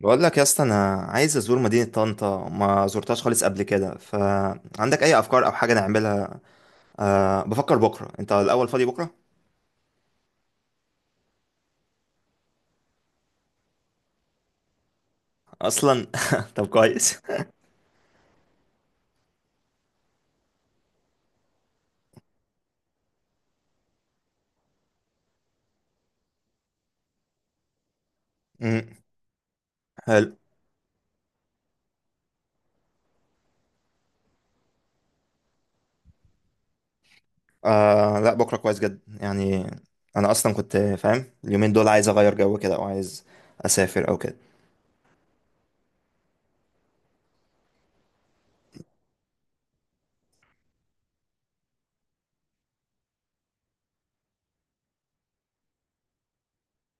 بقول لك يا اسطى، انا عايز ازور مدينة طنطا، ما زرتهاش خالص قبل كده. فعندك اي افكار او حاجة نعملها؟ أه، بفكر بكرة. انت الاول فاضي بكرة؟ اصلا طب كويس. امم حلو. أه لا، بكرة كويس جدا يعني. انا اصلا كنت فاهم اليومين دول عايز اغير جو كده، او عايز اسافر او كده.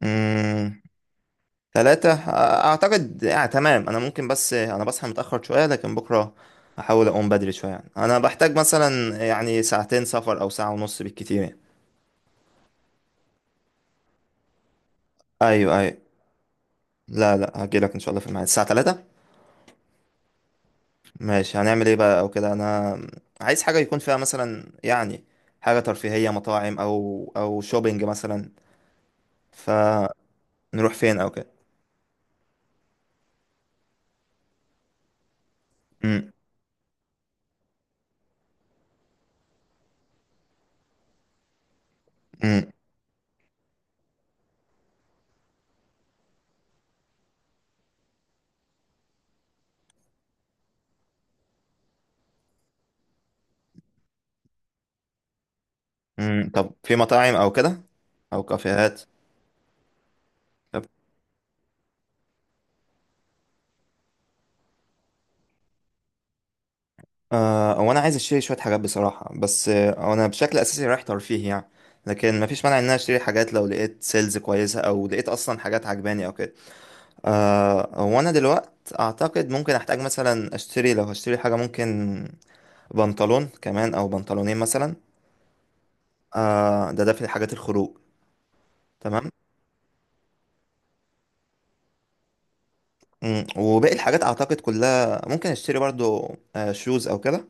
امم ثلاثة، آه، اعتقد، آه، تمام. انا ممكن، بس انا بصحى متأخر شوية، لكن بكرة هحاول اقوم بدري شوية يعني. انا بحتاج مثلا يعني ساعتين سفر او ساعة ونص بالكتير يعني. ايوه. لا لا، هجيلك ان شاء الله في الميعاد الساعه 3. ماشي، هنعمل ايه بقى او كده؟ انا عايز حاجه يكون فيها مثلا يعني حاجه ترفيهيه، مطاعم او شوبينج مثلا. فنروح فين او كده. امم امم طب في مطاعم او كده؟ او كافيهات؟ طب آه، هو انا عايز اشتري شويه حاجات بصراحه، بس آه، انا بشكل اساسي رايح ترفيه يعني. لكن مفيش مانع ان انا اشتري حاجات لو لقيت سيلز كويسه او لقيت اصلا حاجات عجباني او كده. آه، وانا دلوقت اعتقد ممكن احتاج مثلا اشتري، لو هشتري حاجه، ممكن بنطلون كمان او بنطلونين مثلا. آه، ده في حاجات الخروج. تمام. مم، وباقي الحاجات اعتقد كلها ممكن اشتري برضو. آه، شوز او كده.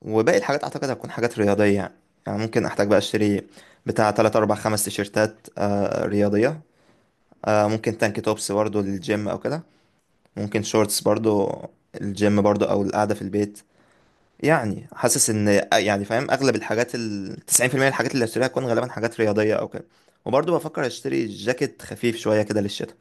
وباقي الحاجات اعتقد هتكون حاجات رياضيه يعني. يعني ممكن احتاج بقى اشتري بتاع 3 4 5 تيشيرتات، آه رياضيه. آه، ممكن تانك توبس برضو للجيم او كده. ممكن شورتس برضو، الجيم برضو او القعده في البيت. يعني حاسس ان، يعني فاهم اغلب الحاجات، ال 90% من الحاجات اللي هشتريها هتكون غالبا حاجات رياضيه او كده. وبرضه بفكر اشتري جاكيت خفيف شويه كده للشتاء.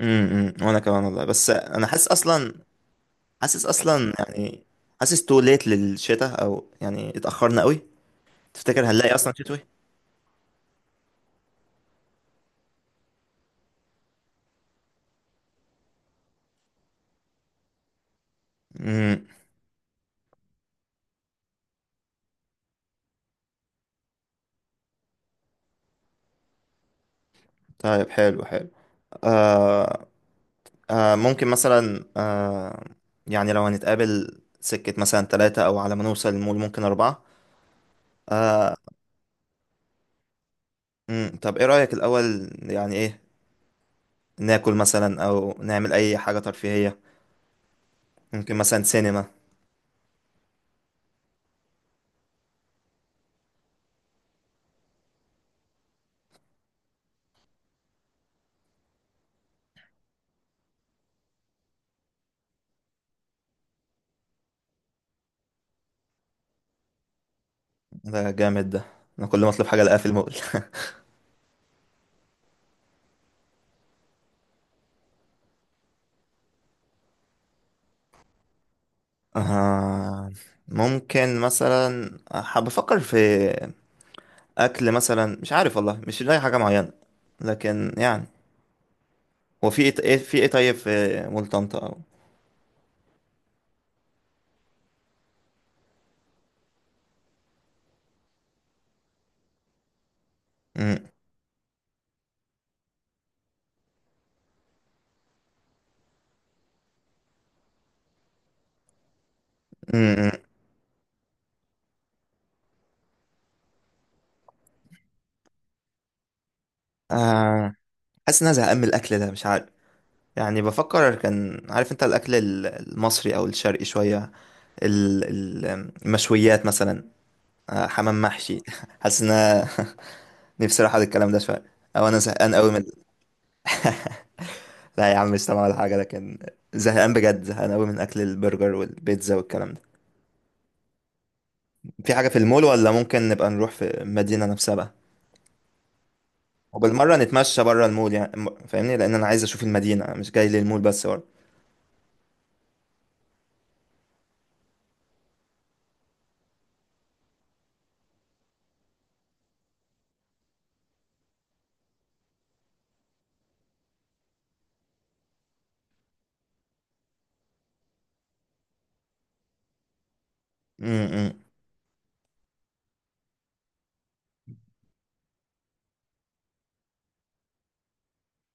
امم. وانا كمان والله، بس انا حاسس اصلا. حاسس اصلا يعني، حاسس تو ليت للشتاء، او يعني اتاخرنا قوي. تفتكر هنلاقي اصلا شتوي؟ امم طيب، حلو. آه. آه، ممكن مثلا، آه، يعني لو هنتقابل سكه مثلا ثلاثة او على ما نوصل المول ممكن أربعة. آه. طب ايه رأيك الأول؟ يعني، ايه، ناكل مثلا او نعمل اي حاجة ترفيهية؟ ممكن مثلا سينما. ده جامد ده، انا كل ما اطلب حاجة الاقيها في المول. آه، ممكن مثلا حاب افكر في اكل مثلا، مش عارف والله، مش لاقي حاجة معينة. لكن يعني، هو في ايه، في ايه؟ طيب في مول طنطا او. امم. امم آه، حاسس ان انا زهقان من الاكل ده، مش عارف. يعني بفكر كان، عارف انت، الاكل المصري او الشرقي شوية، ال- ال- المشويات مثلا، آه، حمام محشي حاسس ان أنا نفسي اروح على الكلام ده شويه، او انا زهقان قوي من لا يا عم، مش سامع ولا حاجه، لكن زهقان بجد، زهقان قوي من اكل البرجر والبيتزا والكلام ده. في حاجه في المول ولا ممكن نبقى نروح في المدينه نفسها بقى؟ وبالمره نتمشى بره المول يعني، فاهمني. لان انا عايز اشوف المدينه، أنا مش جاي للمول بس برضه. امم.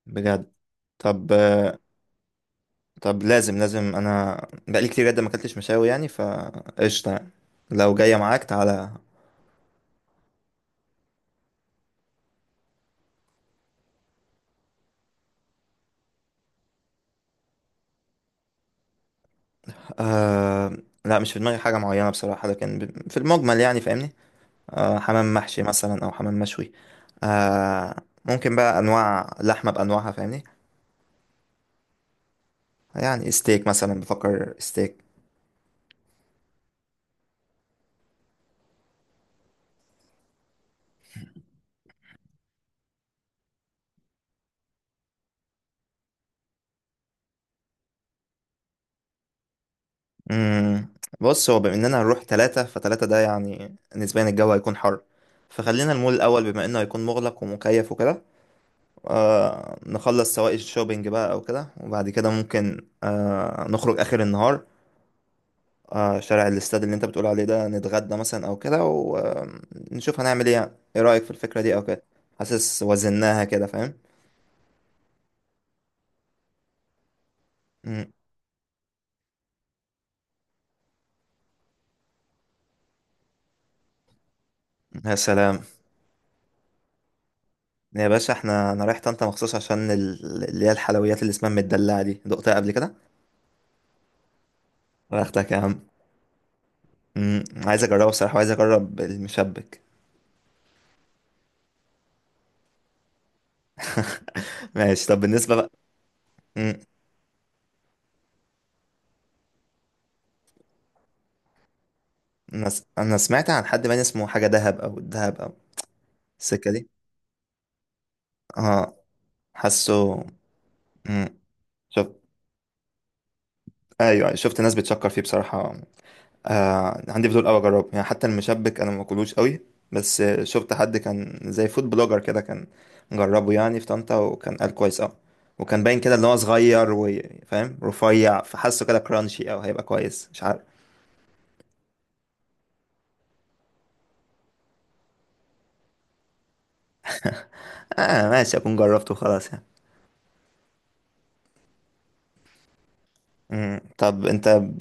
بجد؟ طب آه، طب لازم، انا بقالي كتير جدا ما اكلتش مشاوي يعني، فقشطه يعني. لو جايه معاك تعالى. آه لا، مش في دماغي حاجة معينة بصراحة، لكن في المجمل يعني فاهمني. آه، حمام محشي مثلا أو حمام مشوي. آه، ممكن بقى أنواع لحمة بأنواعها فاهمني. يعني ستيك مثلا، بفكر ستيك. مم. بص، هو بما إننا هنروح تلاتة، فتلاتة ده يعني نسبيا الجو هيكون حر، فخلينا المول الأول بما إنه هيكون مغلق ومكيف وكده. آه، نخلص سواء الشوبينج بقى أو كده، وبعد كده ممكن آه نخرج آخر النهار. آه، شارع الاستاد اللي انت بتقول عليه ده، نتغدى مثلا او كده، ونشوف هنعمل ايه يعني. ايه رأيك في الفكرة دي او كده؟ حاسس وزناها كده فاهم. مم. يا سلام، يا باشا، احنا انا رايح طنطا مخصوص عشان اللي هي الحلويات اللي اسمها المدلعة دي، دقتها قبل كده؟ واخدك يا عم. مم. عايز اجربها بصراحة، وعايز اجرب المشبك. ماشي. طب بالنسبة بقى. مم. انا أنا سمعت عن حد باين اسمه حاجة دهب، او الدهب، او السكة دي. اه. حاسه. مم. شفت. ايوه، أيوه، شفت ناس بتشكر فيه بصراحة. آه، عندي فضول قوي اجربه يعني، حتى المشبك انا ما باكلوش قوي. بس آه، شفت حد كان زي فود بلوجر كده، كان جربه يعني في طنطا، وكان قال كويس قوي. وكان باين كده ان هو صغير وفاهم رفيع، فحسه كده كرانشي قوي، هيبقى كويس مش عارف. اه، ماشي، اكون جربته خلاص يعني. مم. طب انت ب...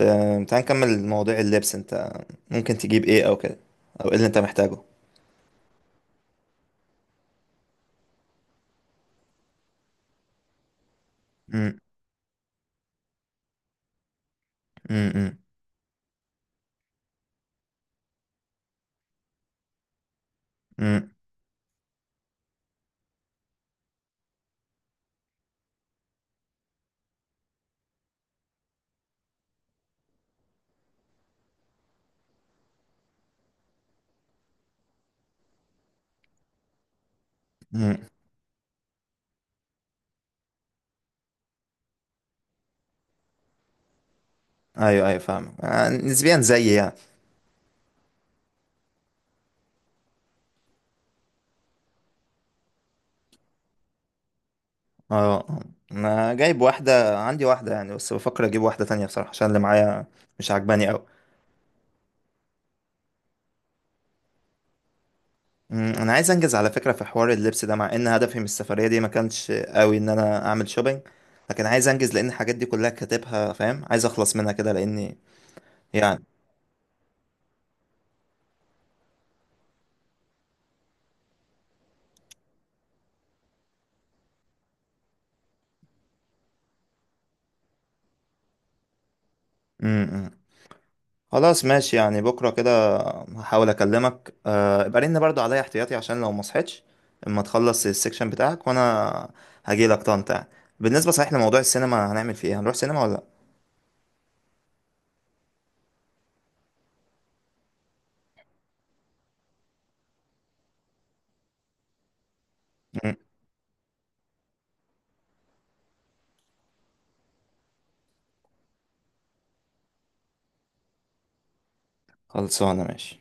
تعال نكمل مواضيع اللبس. انت ممكن تجيب ايه او كده، او ايه اللي انت محتاجه؟ مم. مم. مم. مم. مم. ايوه فاهم، آه، نسبيا زيي يعني. اه. انا جايب واحدة، عندي واحدة يعني، بس بفكر اجيب واحدة تانية بصراحة، عشان اللي معايا مش عجباني قوي. انا عايز انجز على فكرة في حوار اللبس ده، مع ان هدفي من السفرية دي ما كانش قوي ان انا اعمل شوبينج، لكن عايز انجز لان الحاجات دي كلها كاتبها فاهم، عايز اخلص منها كده لاني يعني. امم. خلاص، ماشي يعني. بكرة كده هحاول اكلمك، آه، ابقى رن برضو عليا احتياطي عشان لو ما صحيتش، اما تخلص السكشن بتاعك، وانا هجيلك طنطا. بالنسبة صحيح لموضوع السينما، هنعمل فيه ايه؟ هنروح سينما ولا لأ؟ خلصانة ماشي.